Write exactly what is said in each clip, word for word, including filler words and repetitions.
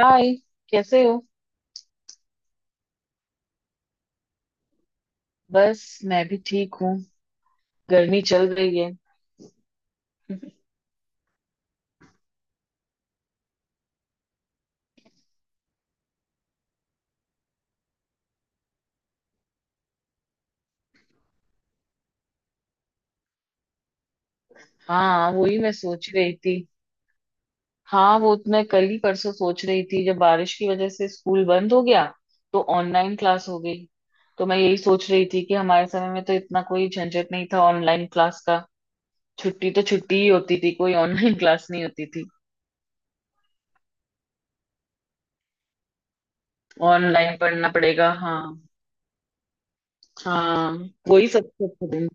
हाय। कैसे हो? बस मैं भी ठीक हूँ। गर्मी चल रही है। हाँ, वही मैं सोच रही थी। हाँ, वो तो मैं कल ही परसों सोच रही थी जब बारिश की वजह से स्कूल बंद हो गया तो ऑनलाइन क्लास हो गई। तो मैं यही सोच रही थी कि हमारे समय में तो इतना कोई झंझट नहीं था ऑनलाइन क्लास का। छुट्टी तो छुट्टी ही होती थी, कोई ऑनलाइन क्लास नहीं होती थी। ऑनलाइन पढ़ना पड़ेगा, हाँ। हाँ, वही सबसे अच्छा दिन।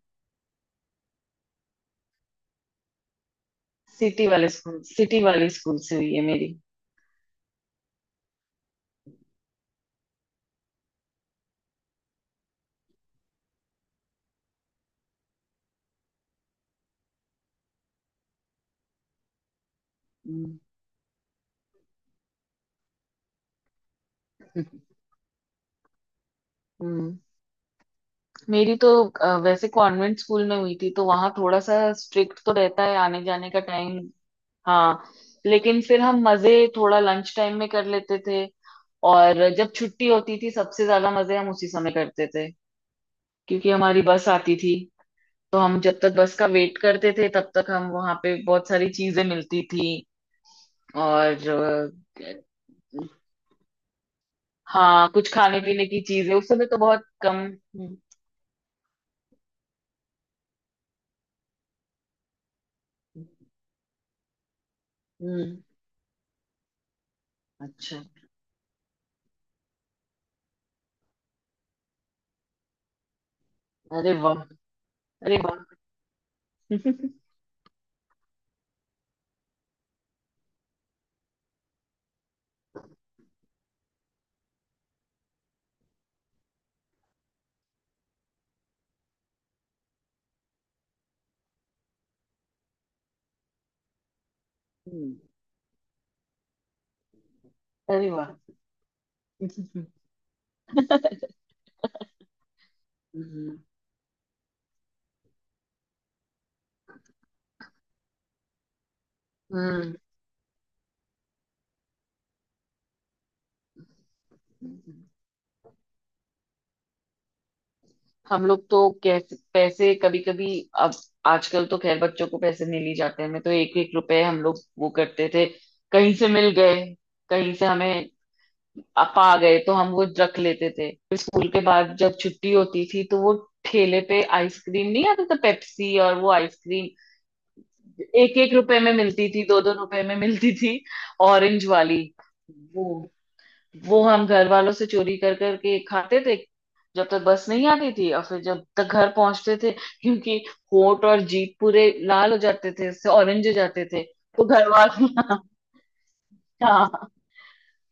सिटी वाले स्कूल सिटी वाले स्कूल से हुई है मेरी। हम्म। हम्म। मेरी तो अ, वैसे कॉन्वेंट स्कूल में हुई थी, तो वहां थोड़ा सा स्ट्रिक्ट तो रहता है आने जाने का टाइम। हाँ, लेकिन फिर हम मजे थोड़ा लंच टाइम में कर लेते थे। और जब छुट्टी होती थी सबसे ज्यादा मजे हम उसी समय करते थे, क्योंकि हमारी बस आती थी। तो हम जब तक बस का वेट करते थे तब तक हम वहां पे बहुत सारी चीजें मिलती थी। और अ, हाँ, कुछ खाने पीने की चीजें उस समय तो बहुत कम। हम्म। हम्म। हम्म। अच्छा। अरे वाह। अरे वाह। हम्म। अरे वाह। हम्म। हम्म। हम लोग तो कैसे पैसे कभी कभी। अब, आजकल तो खैर बच्चों को पैसे नहीं लिए जाते हैं। मैं तो एक एक रुपए हम लोग वो करते थे। कहीं से मिल गए, कहीं से हमें अ- पा गए, तो हम वो रख लेते थे। फिर स्कूल के बाद जब छुट्टी होती थी तो वो ठेले पे आइसक्रीम नहीं आता था, पेप्सी और वो आइसक्रीम, एक एक रुपए में मिलती थी, दो दो रुपए में मिलती थी। ऑरेंज वाली वो वो हम घर वालों से चोरी कर करके खाते थे, जब तक बस नहीं आती थी। और फिर जब तक घर पहुंचते थे, क्योंकि होंठ और जीभ पूरे लाल हो जाते थे, इससे ऑरेंज हो जाते थे। तो घर वाले हाँ,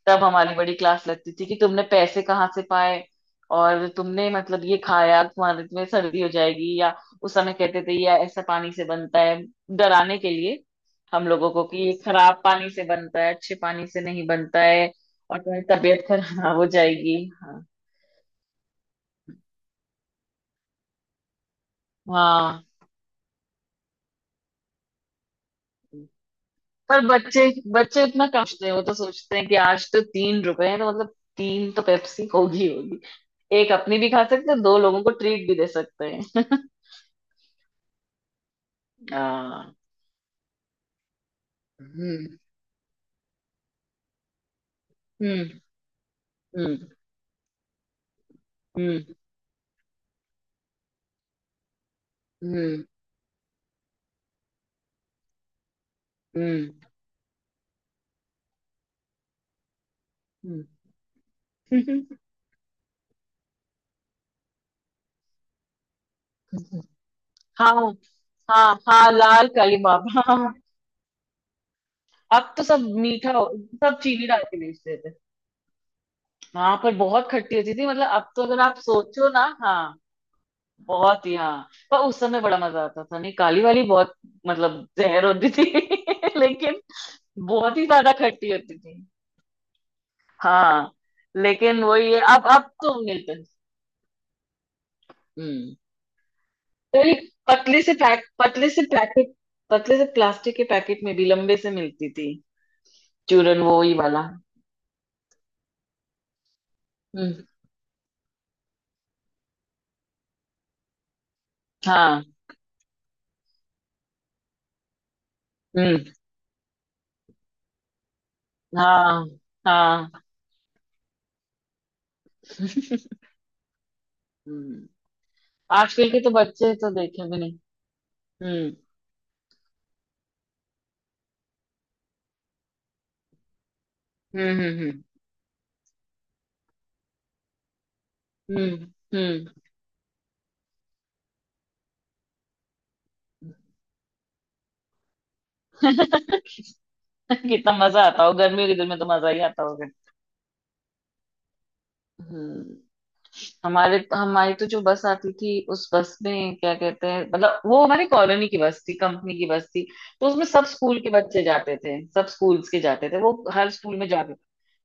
तब हमारी बड़ी क्लास लगती थी कि तुमने पैसे कहाँ से पाए और तुमने मतलब ये खाया तुम्हारे तुम्हें सर्दी हो जाएगी, या उस समय कहते थे या ऐसा पानी से बनता है, डराने के लिए हम लोगों को, कि ये खराब पानी से बनता है, अच्छे पानी से नहीं बनता है और तुम्हारी तबीयत खराब हो जाएगी। हाँ। हाँ, पर बच्चे बच्चे इतना कमते हैं, वो तो सोचते हैं कि आज तो तीन रुपए हैं, तो मतलब तीन तो पेप्सी होगी, होगी एक अपनी भी खा सकते हैं, दो लोगों को ट्रीट भी दे सकते हैं। हाँ। हम्म। हम्म। हम्म। हम्म। हम्म। हम्म। हाँ, हाँ, हाँ, लाल काली माप, हाँ। अब तो सब मीठा हो, सब चीनी डाल के बेचते थे। हाँ, पर बहुत खट्टी होती थी, मतलब अब तो अगर आप सोचो ना, हाँ, बहुत ही, हाँ। पर उस समय बड़ा मजा आता था, नहीं, काली वाली बहुत मतलब जहर होती थी। लेकिन बहुत ही ज्यादा खट्टी होती थी। हाँ, लेकिन वही है, अब अब तो मिलते हैं। हम्म। अरे, पतले से पैक, पतले से पैकेट, पतले से प्लास्टिक के पैकेट में भी लंबे से मिलती थी। चूरन वो ही वाला। हम्म। हाँ। हम्म। हाँ, हाँ। हम्म। आजकल के तो बच्चे तो देखे भी नहीं। हम्म। हम्म। हम्म। हम्म। हम्म। हम्म। कितना मजा आता हो, गर्मियों के दिन में तो मजा ही आता होगा। हम्म। हमारे हमारी तो जो बस आती थी उस बस में क्या कहते हैं, मतलब वो हमारी कॉलोनी की बस थी, कंपनी की बस थी। तो उसमें सब स्कूल के बच्चे जाते थे, सब स्कूल्स के जाते थे, वो हर स्कूल में जाते थे।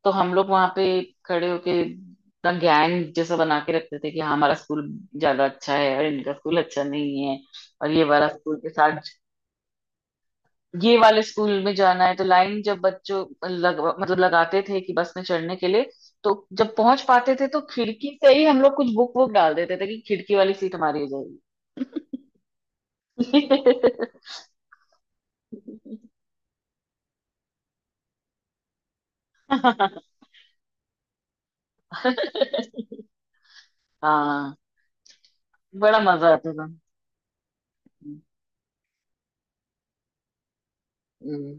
तो हम लोग वहां पे खड़े होके इतना गैंग जैसा बना के रखते थे कि हाँ, हमारा स्कूल ज्यादा अच्छा है और इनका स्कूल अच्छा नहीं है। और ये वाला स्कूल के साथ, ये वाले स्कूल में जाना है। तो लाइन जब बच्चों लग मतलब लगाते थे कि बस में चढ़ने के लिए, तो जब पहुंच पाते थे तो खिड़की से ही हम लोग कुछ बुक वुक डाल देते थे कि खिड़की वाली सीट हमारी हो जाएगी। हाँ, बड़ा मजा आता था। हम्म।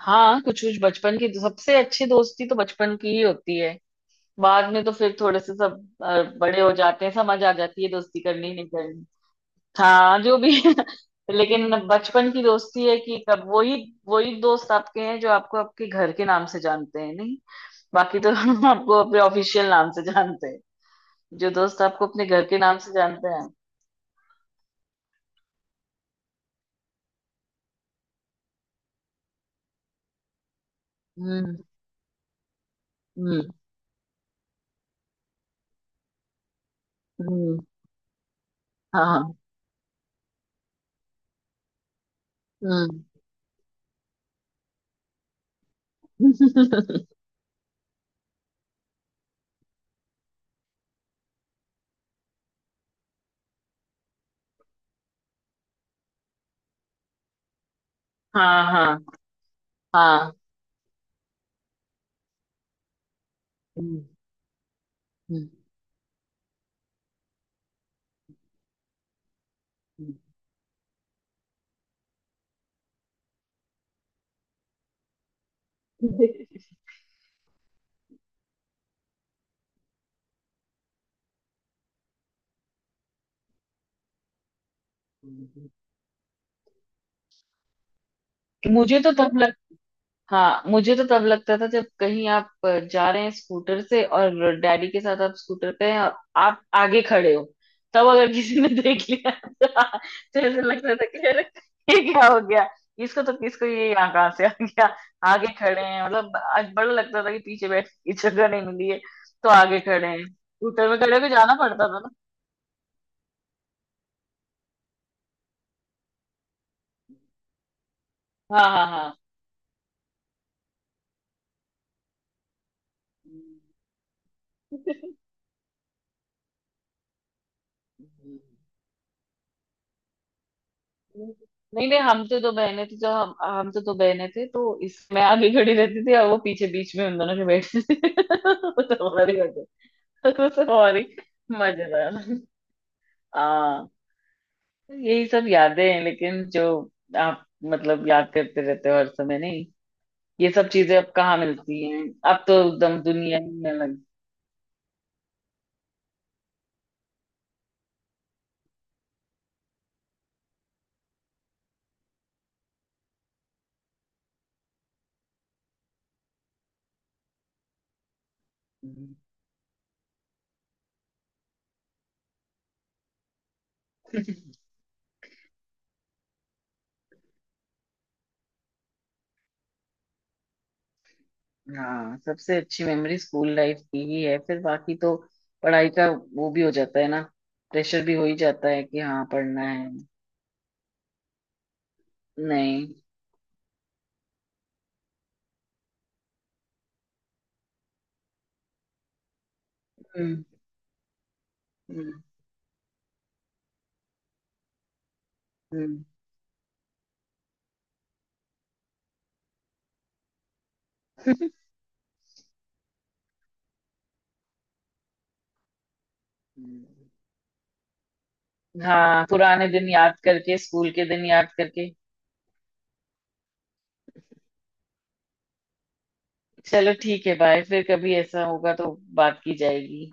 हाँ, कुछ कुछ बचपन की सबसे अच्छी दोस्ती तो बचपन की ही होती है। बाद में तो फिर थोड़े से सब अ, बड़े हो जाते हैं, समझ आ जाती है, दोस्ती करनी नहीं। हाँ, जो भी है। लेकिन बचपन की दोस्ती है कि कब, वही वही दोस्त आपके हैं जो आपको आपके घर के नाम से जानते हैं। नहीं, बाकी तो आपको अपने ऑफिशियल नाम से जानते हैं। जो दोस्त आपको अपने घर के नाम से जानते हैं। हम्म। हम्म। हम्म। हाँ। हम्म। हाँ, हाँ, हाँ। हम्म। हम्म। हम्म। मुझे तो तब हाँ, मुझे तो तब लगता था जब कहीं आप जा रहे हैं स्कूटर से, और डैडी के साथ आप स्कूटर पे हैं और आप आगे खड़े हो, तब अगर किसी ने देख लिया तो तो ऐसा लगता था कि अरे, ये क्या हो गया, इसको तो किसको, ये यहाँ कहाँ से आ गया। आगे खड़े हैं, मतलब आज बड़ा लगता था कि पीछे बैठ की जगह नहीं मिली है तो आगे खड़े हैं। स्कूटर में खड़े होकर जाना पड़ता था ना। हाँ, हाँ, हाँ। नहीं, नहीं, हम तो दो बहनें थी। जो हम हम तो दो बहनें थे, तो इस, मैं आगे खड़ी रहती थी और वो पीछे बीच में उन दोनों के बैठती थी। वो तो हमारी वजह, वो तो हमारी मजेदार। हाँ, तो यही सब यादें हैं। लेकिन जो आप मतलब याद करते रहते हो हर समय, नहीं, ये सब चीजें अब कहाँ मिलती हैं। अब तो एकदम दुनिया ही में लग। हाँ, सबसे अच्छी मेमोरी स्कूल लाइफ की ही है। फिर बाकी तो पढ़ाई का, वो भी हो जाता है ना, प्रेशर भी हो ही जाता है कि हाँ, पढ़ना है। नहीं। हम्म। हम्म। हम्म। हम्म। हाँ, पुराने दिन याद करके, स्कूल के दिन याद करके। चलो, ठीक है, बाय। फिर कभी ऐसा होगा तो बात की जाएगी।